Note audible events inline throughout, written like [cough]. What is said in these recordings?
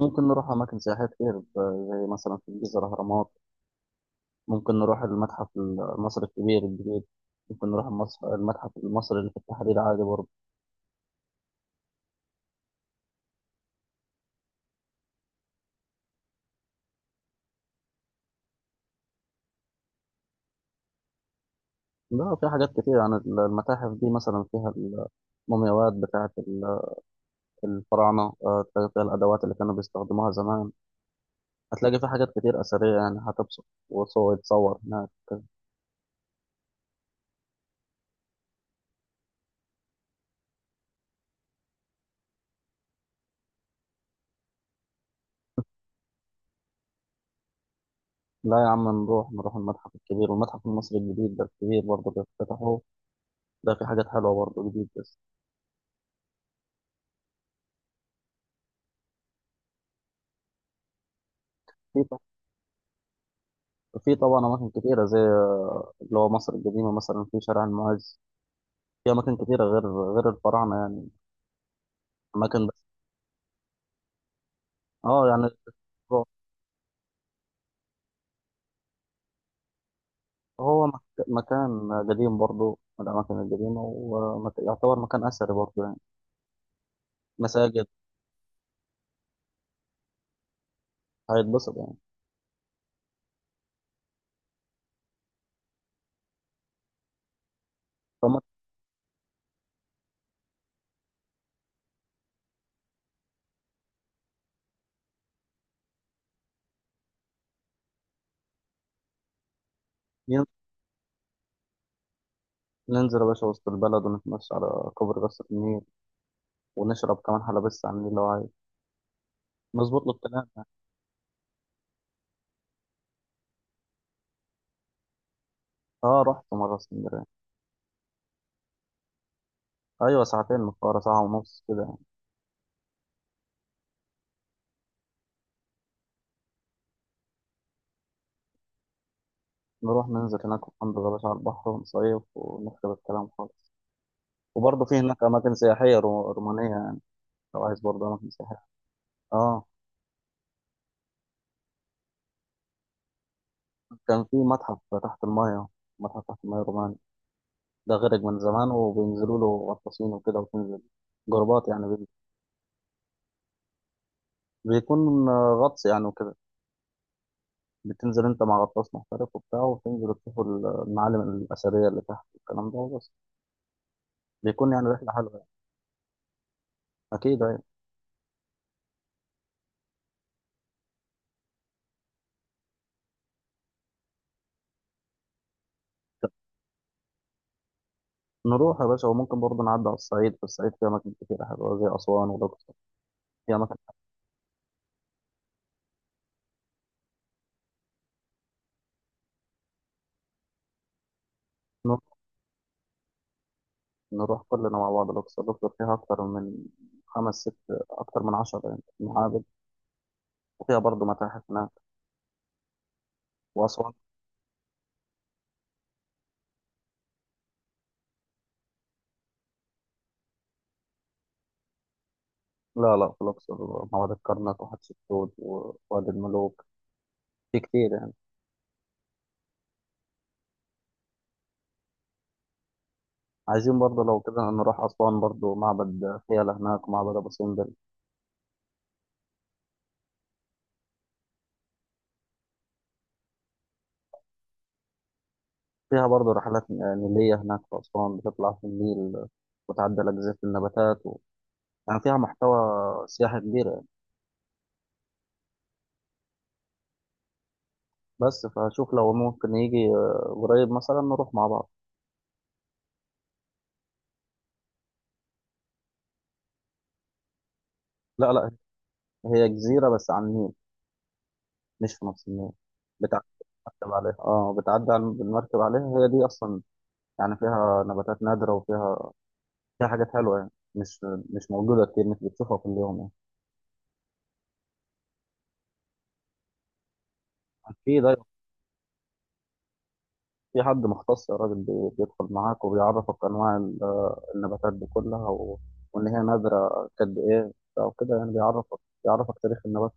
ممكن نروح أماكن سياحية كتير زي مثلا في الجيزة الأهرامات. ممكن نروح المتحف المصري الكبير الجديد. ممكن نروح المتحف المصري اللي في التحرير عادي برضه. لا، في حاجات كتير عن المتاحف دي، مثلا فيها المومياوات بتاعة الفراعنة. تلاقي فيها الأدوات اللي كانوا بيستخدموها زمان. هتلاقي في حاجات كتير أثرية، يعني هتبسط، وصور يتصور هناك. لا يا عم، نروح المتحف الكبير والمتحف المصري الجديد، ده الكبير برضه اللي افتتحوه. ده في حاجات حلوة برضه جديد بس. في في طبعا أماكن كتيرة زي، اللي هو مصر القديمة مثلا في شارع المعز. في أماكن كتيرة غير الفراعنة يعني، أماكن بس. أه يعني. هو هو مك- مكان قديم برضه من الأماكن القديمة، ويعتبر مكان أثري برضه يعني، مساجد. هيتبسط يعني. فما ين- ننزل يا باشا وسط البلد، ونتمشى على كوبري قصر النيل، ونشرب كمان حلبس على النيل لو عايز. مظبوط له الكلام. أه، رحت مرة اسكندرية. أيوة، ساعتين من القاهرة، ساعة ونص كده. نروح ننزل هناك وننضغ يا باشا على البحر، ونصيف، ونخرب الكلام خالص. وبرضه في هناك أماكن سياحية رومانية يعني، لو عايز برضه أماكن سياحية. آه. كان في متحف تحت الماية، متحف تحت الماية روماني، ده غرق من زمان، وبينزلوا له غطاسين وكده، وتنزل جروبات يعني. بيكون غطس يعني وكده. بتنزل أنت مع غطاس محترف وبتاع، وتنزل تشوف المعالم الأثرية اللي تحت والكلام ده وبس. بيكون يعني رحلة حلوة يعني. أكيد، أيوة. نروح يا باشا، وممكن برضه نعدي على الصعيد. في الصعيد فيها أماكن كتير حلوة زي أسوان والأقصر. في أماكن. نروح نروح كلنا مع بعض الأقصر. الأقصر فيها أكتر من خمس ست أكتر من عشرة يعني معابد، وفيها برضه متاحف هناك، وأسوان. لا لا، في الأقصر وادي الكرنك وحتشبسوت ووادي الملوك، في كتير يعني. عايزين برضه لو كده نروح أسوان برضه، معبد فيلة هناك ومعبد أبو سمبل. فيها برضه رحلات نيلية هناك في أسوان، بتطلع في النيل وتعدي على جزيرة النباتات و... يعني فيها محتوى سياحي كبير. بس فشوف لو ممكن يجي قريب مثلا نروح مع بعض. لا لا. هي جزيرة بس على النيل، مش في نفس النيل. بتعدي المركب عليها. اه، بتعدي بالمركب عليها، هي دي اصلا يعني. فيها نباتات نادرة، وفيها فيها حاجات حلوة يعني، مش مش موجودة كتير، مش بتشوفها كل يوم. يعني في ده. في حد مختص يا راجل، بيدخل معاك، وبيعرفك انواع النباتات دي كلها، و... وان هي نادرة قد ايه او كده، يعني بيعرفك، بيعرفك تاريخ النبات.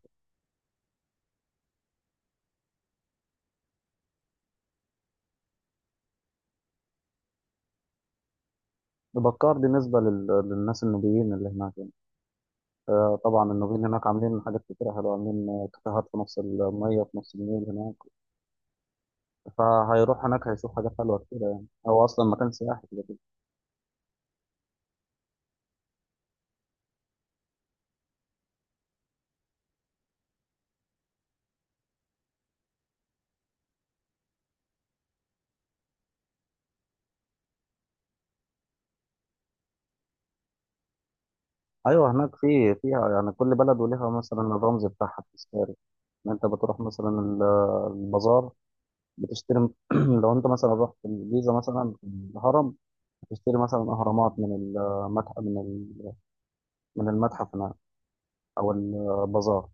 بكار بالنسبة لل... للناس النوبيين اللي هناك يعني. طبعا النوبيين هناك عاملين حاجات كتيرة حلوة، عاملين كافيهات في نص المية في نص النيل هناك. فهيروح هناك هيشوف حاجات حلوة كتيرة يعني، هو أصلا مكان سياحي كده كده. أيوه، هناك في فيها يعني، كل بلد وليها مثلا الرمز بتاعها التذكاري. إن أنت بتروح مثلا البازار، بتشتري. [clears throat] لو أنت مثلا رحت الجيزة، مثلا في الهرم، بتشتري مثلا أهرامات من المتحف، من من المتحف هناك أو البازار،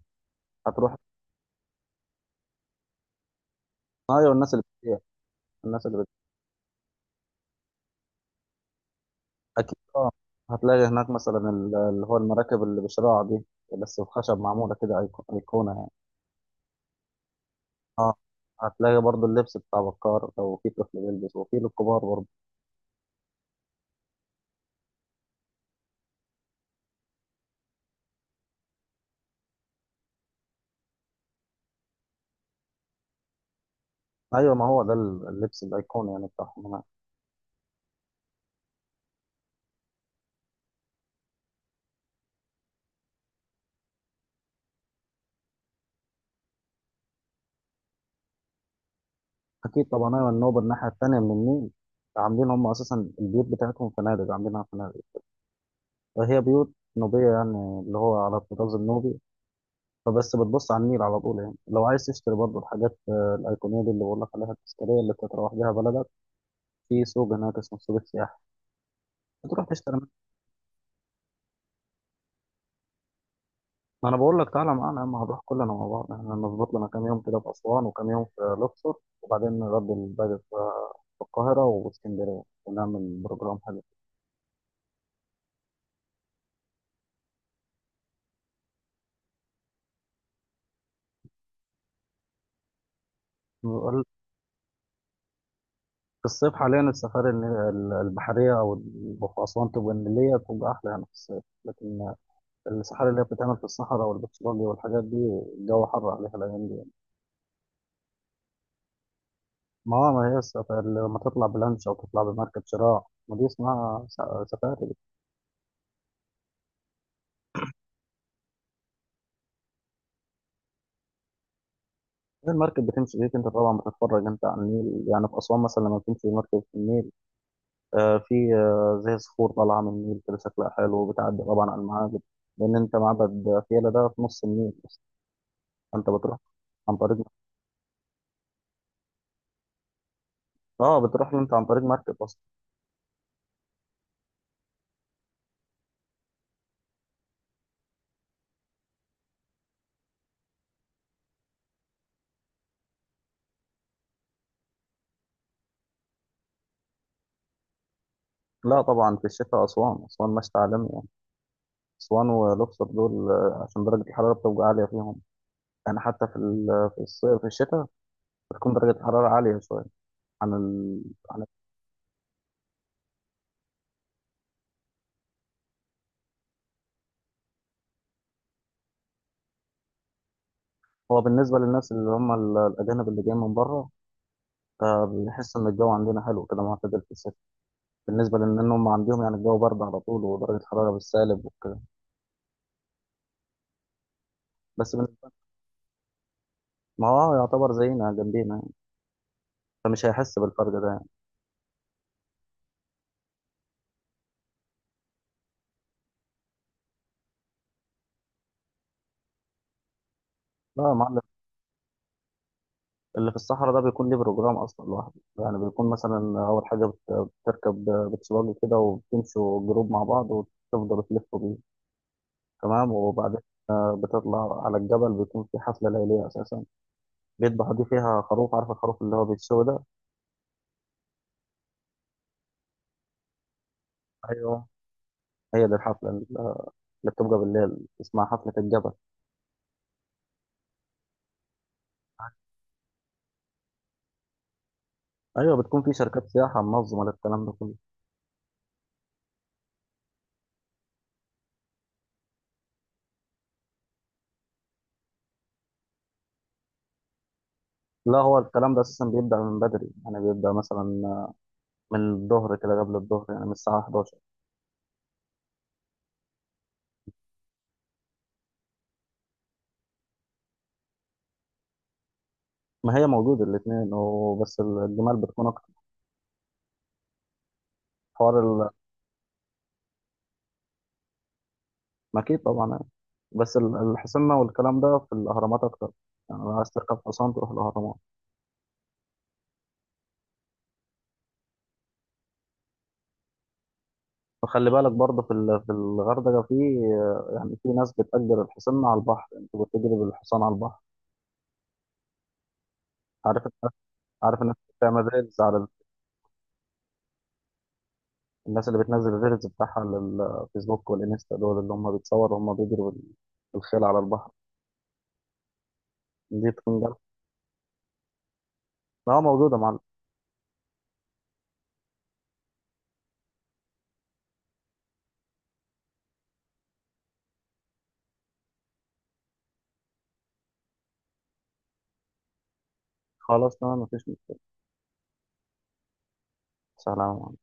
هتروح. أيوه، الناس اللي بتبيع. الناس اللي اكيد اه. هتلاقي هناك مثلا اللي هو المراكب اللي بشراع دي، بس بخشب معموله كده، ايقونه يعني. اه، هتلاقي برضو اللبس بتاع بكار، لو في طفل بيلبس، وفي للكبار برضو. ايوه، ما هو ده اللبس الايقوني يعني بتاعهم هناك. اكيد طبعا. ايوه، النوبه الناحيه التانيه من النيل. عاملين هم اساسا البيوت بتاعتهم فنادق، عاملينها فنادق. فهي بيوت نوبيه يعني، اللي هو على الطراز النوبي. فبس بتبص على النيل على طول يعني. لو عايز تشتري برضو الحاجات، الايقونيه دي اللي بقول لك عليها، التذكاريه اللي بتتروح بيها بلدك، في سوق هناك اسمه سوق السياحة، بتروح تشتري منه. ما انا بقول لك تعالى معانا يا عم، هنروح كلنا مع بعض. احنا نظبط لنا كام يوم كده في اسوان، وكام يوم في الاقصر، وبعدين نرد الباقي في في القاهرة واسكندرية، ونعمل بروجرام حلو. بقول- في الصيف حاليا السفاري، البحرية، في أسوان تبقى النيلية، تبقى أحلى يعني في الصيف. لكن السفاري اللي هي بتتعمل في الصحراء والبترولي والحاجات دي، الجو حر عليها الأيام دي يعني. ما هو ما هي السفاري لما تطلع بلانش أو تطلع بمركب شراع، ما دي اسمها سفاري. المركب بتمشي بيك، انت طبعا بتتفرج انت على النيل يعني، في اسوان مثلا لما بتمشي مركب في النيل، آه في آه زي صخور طالعه من النيل كده شكلها حلو، وبتعدي طبعا على المعابد، لان انت معبد فيلة ده في نص النيل اصلا، فانت بتروح عن طريق، اه، بتروح له انت عن طريق مركب اصلا. لا طبعا، في الشتاء اسوان، اسوان مشتى عالمي يعني. اسوان والاقصر دول، عشان درجه الحراره بتبقى عاليه فيهم يعني، حتى في في الصيف، في الشتاء بتكون درجه الحراره عاليه شويه عن ال... عن هو بالنسبة للناس اللي هم الأجانب اللي جايين من بره، فبنحس ان الجو عندنا حلو كده، معتدل في الصيف، بالنسبه لان هم عندهم يعني الجو برد على طول، ودرجه الحراره بالسالب وكده. بس بالنسبه، ما هو يعتبر زينا، جنبينا يعني. فمش هيحس بالفرق ده يعني. لا يا معلم. اللي في الصحراء ده بيكون ليه بروجرام اصلا لوحده يعني. بيكون مثلا اول حاجه بتركب، بتسواق كده، وبتمشوا جروب مع بعض، وتفضلوا تلفوا بيه. تمام. وبعدين بتطلع على الجبل، بيكون في حفلة ليلية أساسا، بيذبحوا دي فيها خروف، عارف الخروف اللي هو بيتسوى ده. أيوه، هي دي الحفلة اللي بتبقى بالليل، اسمها حفلة الجبل. أيوة، بتكون في شركات سياحة منظمة للكلام ده كله. لا، هو الكلام ده أساسا بيبدأ من بدري يعني، بيبدأ مثلا من الظهر كده، قبل الظهر يعني، من الساعة 11. ما هي موجودة الاتنين، وبس الجمال بتكون أكتر. حوار ال- ما أكيد طبعا يعني. بس الحسنة والكلام ده في الأهرامات أكتر يعني، لو عايز تركب حصان تروح الأهرامات. وخلي بالك برضه في في الغردقة، في يعني، في ناس بتأجر الحصان على البحر، أنت بتجري بالحصان على البحر. عارف الناس عارف الناس بتعمل ريلز على، الناس اللي بتنزل الريلز بتاعها على الفيسبوك والانستا، دول اللي هم بيتصوروا، هم بيجروا بالخيل على البحر. دي تكون جامدة. اه موجودة مع. خلاص تمام، مفيش مشكلة. سلام.